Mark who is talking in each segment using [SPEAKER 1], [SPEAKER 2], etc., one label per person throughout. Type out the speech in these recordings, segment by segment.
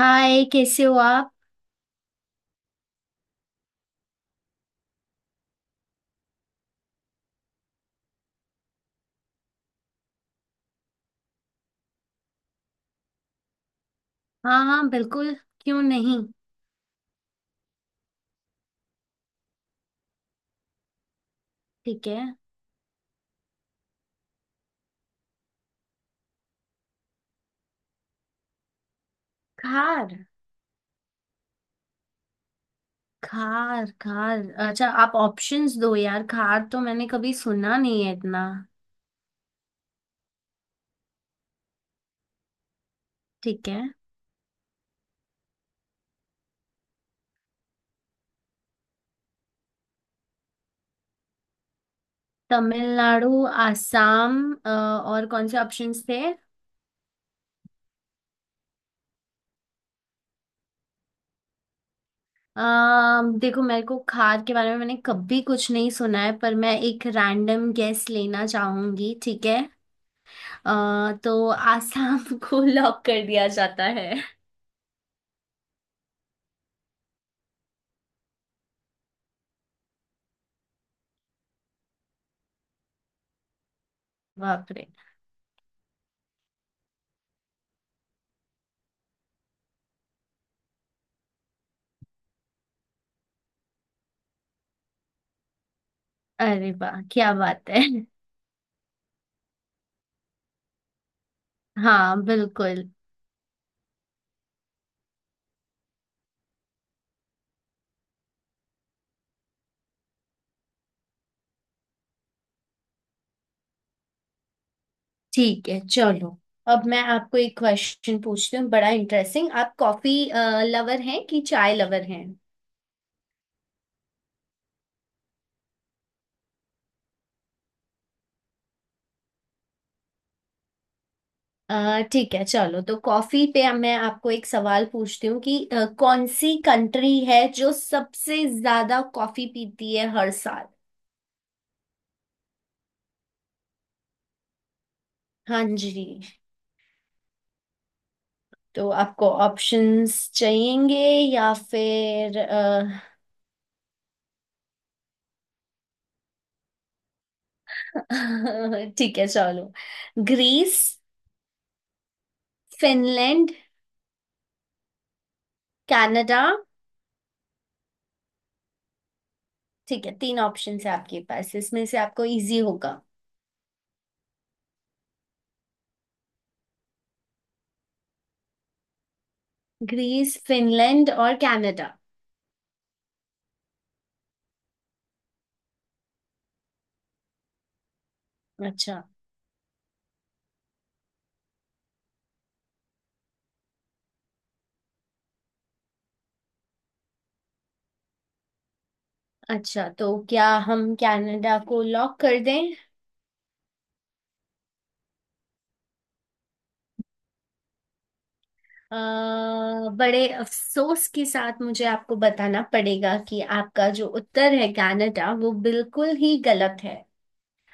[SPEAKER 1] हाय, कैसे हो आप। हाँ हाँ, बिल्कुल। क्यों नहीं। ठीक है। खार। खार खार। अच्छा, आप ऑप्शंस दो यार, खार तो मैंने कभी सुना नहीं है इतना। ठीक है। तमिलनाडु, आसाम। और कौन से ऑप्शंस थे। देखो, मेरे को खार के बारे में मैंने कभी कुछ नहीं सुना है, पर मैं एक रैंडम गेस लेना चाहूंगी, ठीक है। तो आसाम को लॉक कर दिया जाता है। बाप रे। अरे वाह, क्या बात है। हाँ बिल्कुल। ठीक है चलो। अब मैं आपको एक क्वेश्चन पूछती हूँ, बड़ा इंटरेस्टिंग। आप कॉफी लवर हैं कि चाय लवर हैं। ठीक है चलो। तो कॉफी पे अब मैं आपको एक सवाल पूछती हूँ कि कौन सी कंट्री है जो सबसे ज्यादा कॉफी पीती है हर साल। हाँ जी। तो आपको ऑप्शंस चाहिएंगे या फिर ठीक है चलो। ग्रीस। फिनलैंड। कनाडा। ठीक है, तीन ऑप्शन है आपके पास, इसमें से आपको इजी होगा। ग्रीस, फिनलैंड और कनाडा। अच्छा। अच्छा, तो क्या हम कनाडा को लॉक कर दें। अ, बड़े अफसोस के साथ मुझे आपको बताना पड़ेगा कि आपका जो उत्तर है कनाडा, वो बिल्कुल ही गलत है।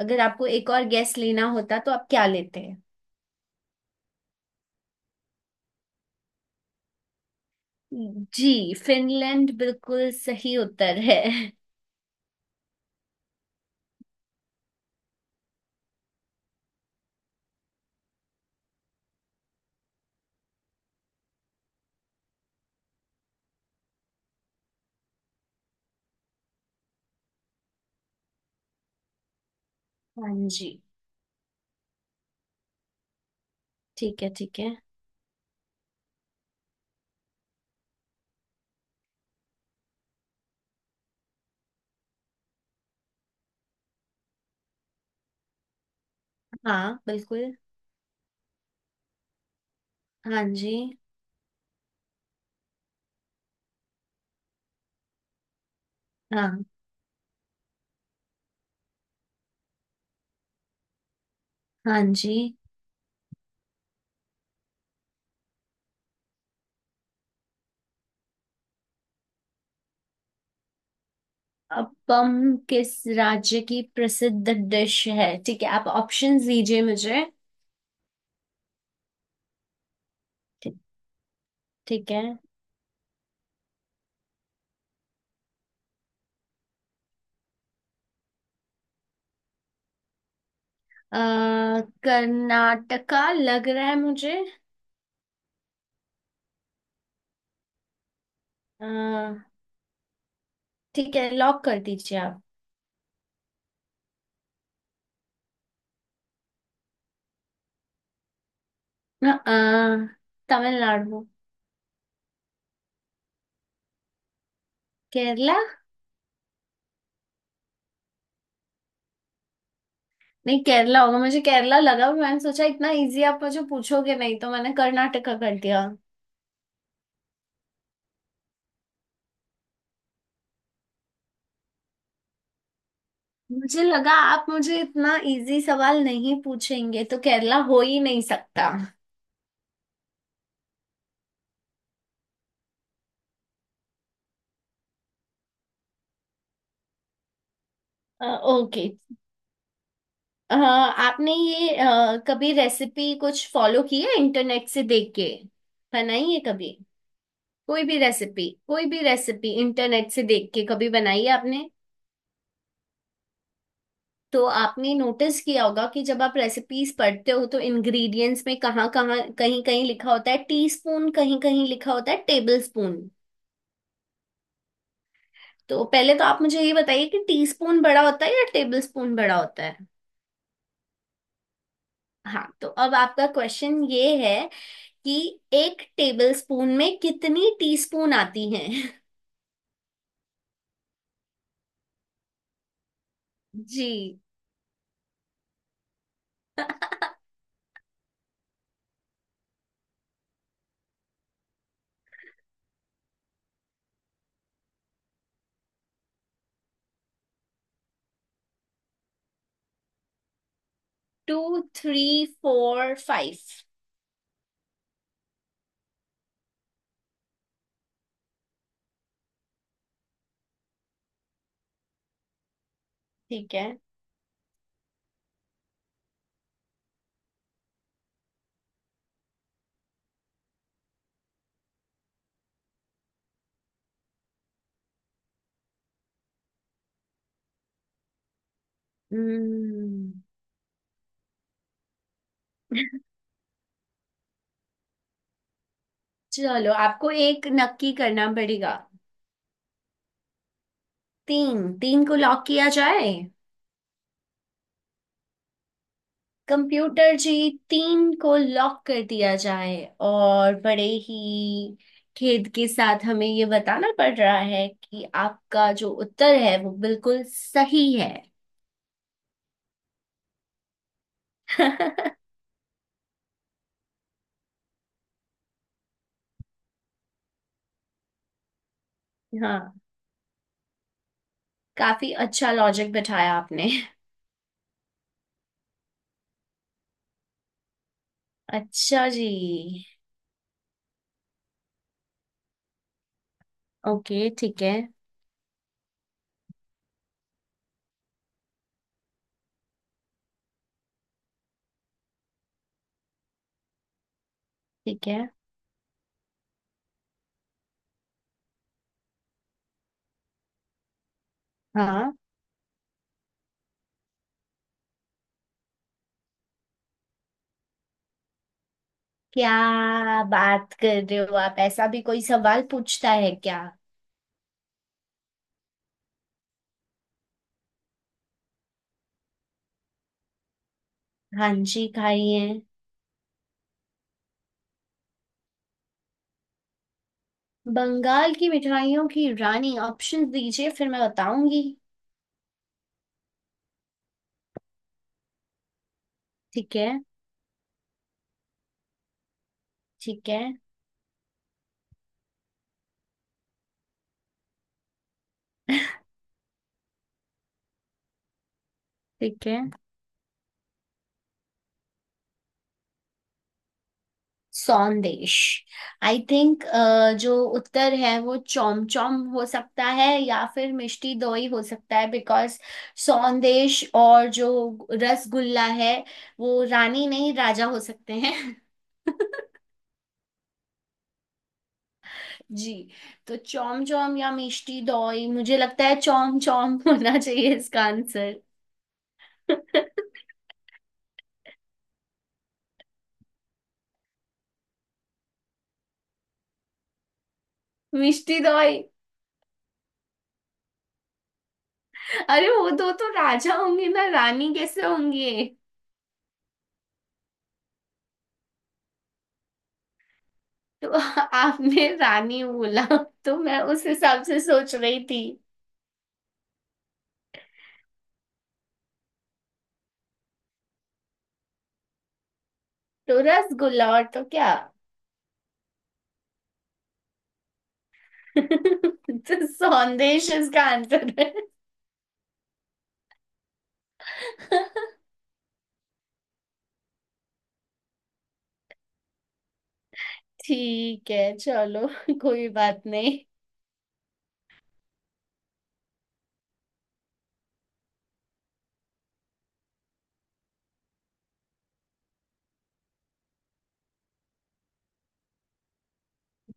[SPEAKER 1] अगर आपको एक और गैस लेना होता तो आप क्या लेते हैं। जी, फिनलैंड बिल्कुल सही उत्तर है। हाँ जी। ठीक है ठीक है। हाँ बिल्कुल। हाँ जी। हाँ। हाँ जी। अब पम किस राज्य की प्रसिद्ध डिश है। ठीक है, आप ऑप्शंस दीजिए मुझे। ठीक। ठीक है। अ कर्नाटका लग रहा है मुझे। अ, ठीक है, लॉक कर दीजिए आप। अ, अ, तमिलनाडु। केरला। नहीं, केरला होगा। मुझे केरला लगा, पर मैंने सोचा इतना इजी आप मुझे पूछोगे नहीं, तो मैंने कर्नाटका कर दिया। मुझे लगा आप मुझे इतना इजी सवाल नहीं पूछेंगे, तो केरला हो ही नहीं सकता। अ, ओके। हाँ, आपने ये कभी रेसिपी कुछ फॉलो की है इंटरनेट से देख के, बनाई है कभी। कोई भी रेसिपी, कोई भी रेसिपी इंटरनेट से देख के कभी बनाई है आपने। तो आपने नोटिस किया होगा कि जब आप रेसिपीज पढ़ते हो तो इंग्रेडिएंट्स में कहाँ कहाँ, कहीं कहीं लिखा होता है टीस्पून, कहीं कहीं लिखा होता है टेबल स्पून। तो पहले तो आप मुझे ये बताइए कि टीस्पून बड़ा होता है या टेबल स्पून बड़ा होता है। हाँ, तो अब आपका क्वेश्चन ये है कि एक टेबलस्पून में कितनी टीस्पून आती हैं। जी। Two, three, four, five. ठीक है। हम्म। चलो, आपको एक नक्की करना पड़ेगा। 3, 3 को लॉक किया जाए। कंप्यूटर जी, 3 को लॉक कर दिया जाए। और बड़े ही खेद के साथ हमें ये बताना पड़ रहा है कि आपका जो उत्तर है वो बिल्कुल सही है। हाँ, काफी अच्छा लॉजिक बिठाया आपने। अच्छा जी। ओके, ठीक है ठीक है। हाँ, क्या बात कर रहे हो आप, ऐसा भी कोई सवाल पूछता है क्या। हाँ जी, खाइए। बंगाल की मिठाइयों की रानी, ऑप्शन दीजिए फिर मैं बताऊंगी। ठीक है। ठीक है। ठीक है। संदेश। आई थिंक जो उत्तर है वो चौम चौम हो सकता है या फिर मिष्टी दोई हो सकता है, बिकॉज संदेश और जो रसगुल्ला है वो रानी नहीं, राजा हो सकते हैं। जी। तो चौम चौम या मिष्टी दोई, मुझे लगता है चौम चौम होना चाहिए इसका आंसर। मिष्टी दोई। अरे, वो दो तो राजा होंगे ना, रानी कैसे होंगे। तो आपने रानी बोला तो मैं उस हिसाब से सोच रही थी। तो रसगुल्ला, और तो क्या। तो संदेश इसका आंसर है। ठीक है चलो, कोई बात नहीं।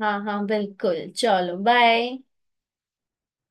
[SPEAKER 1] हाँ हाँ बिल्कुल, चलो बाय।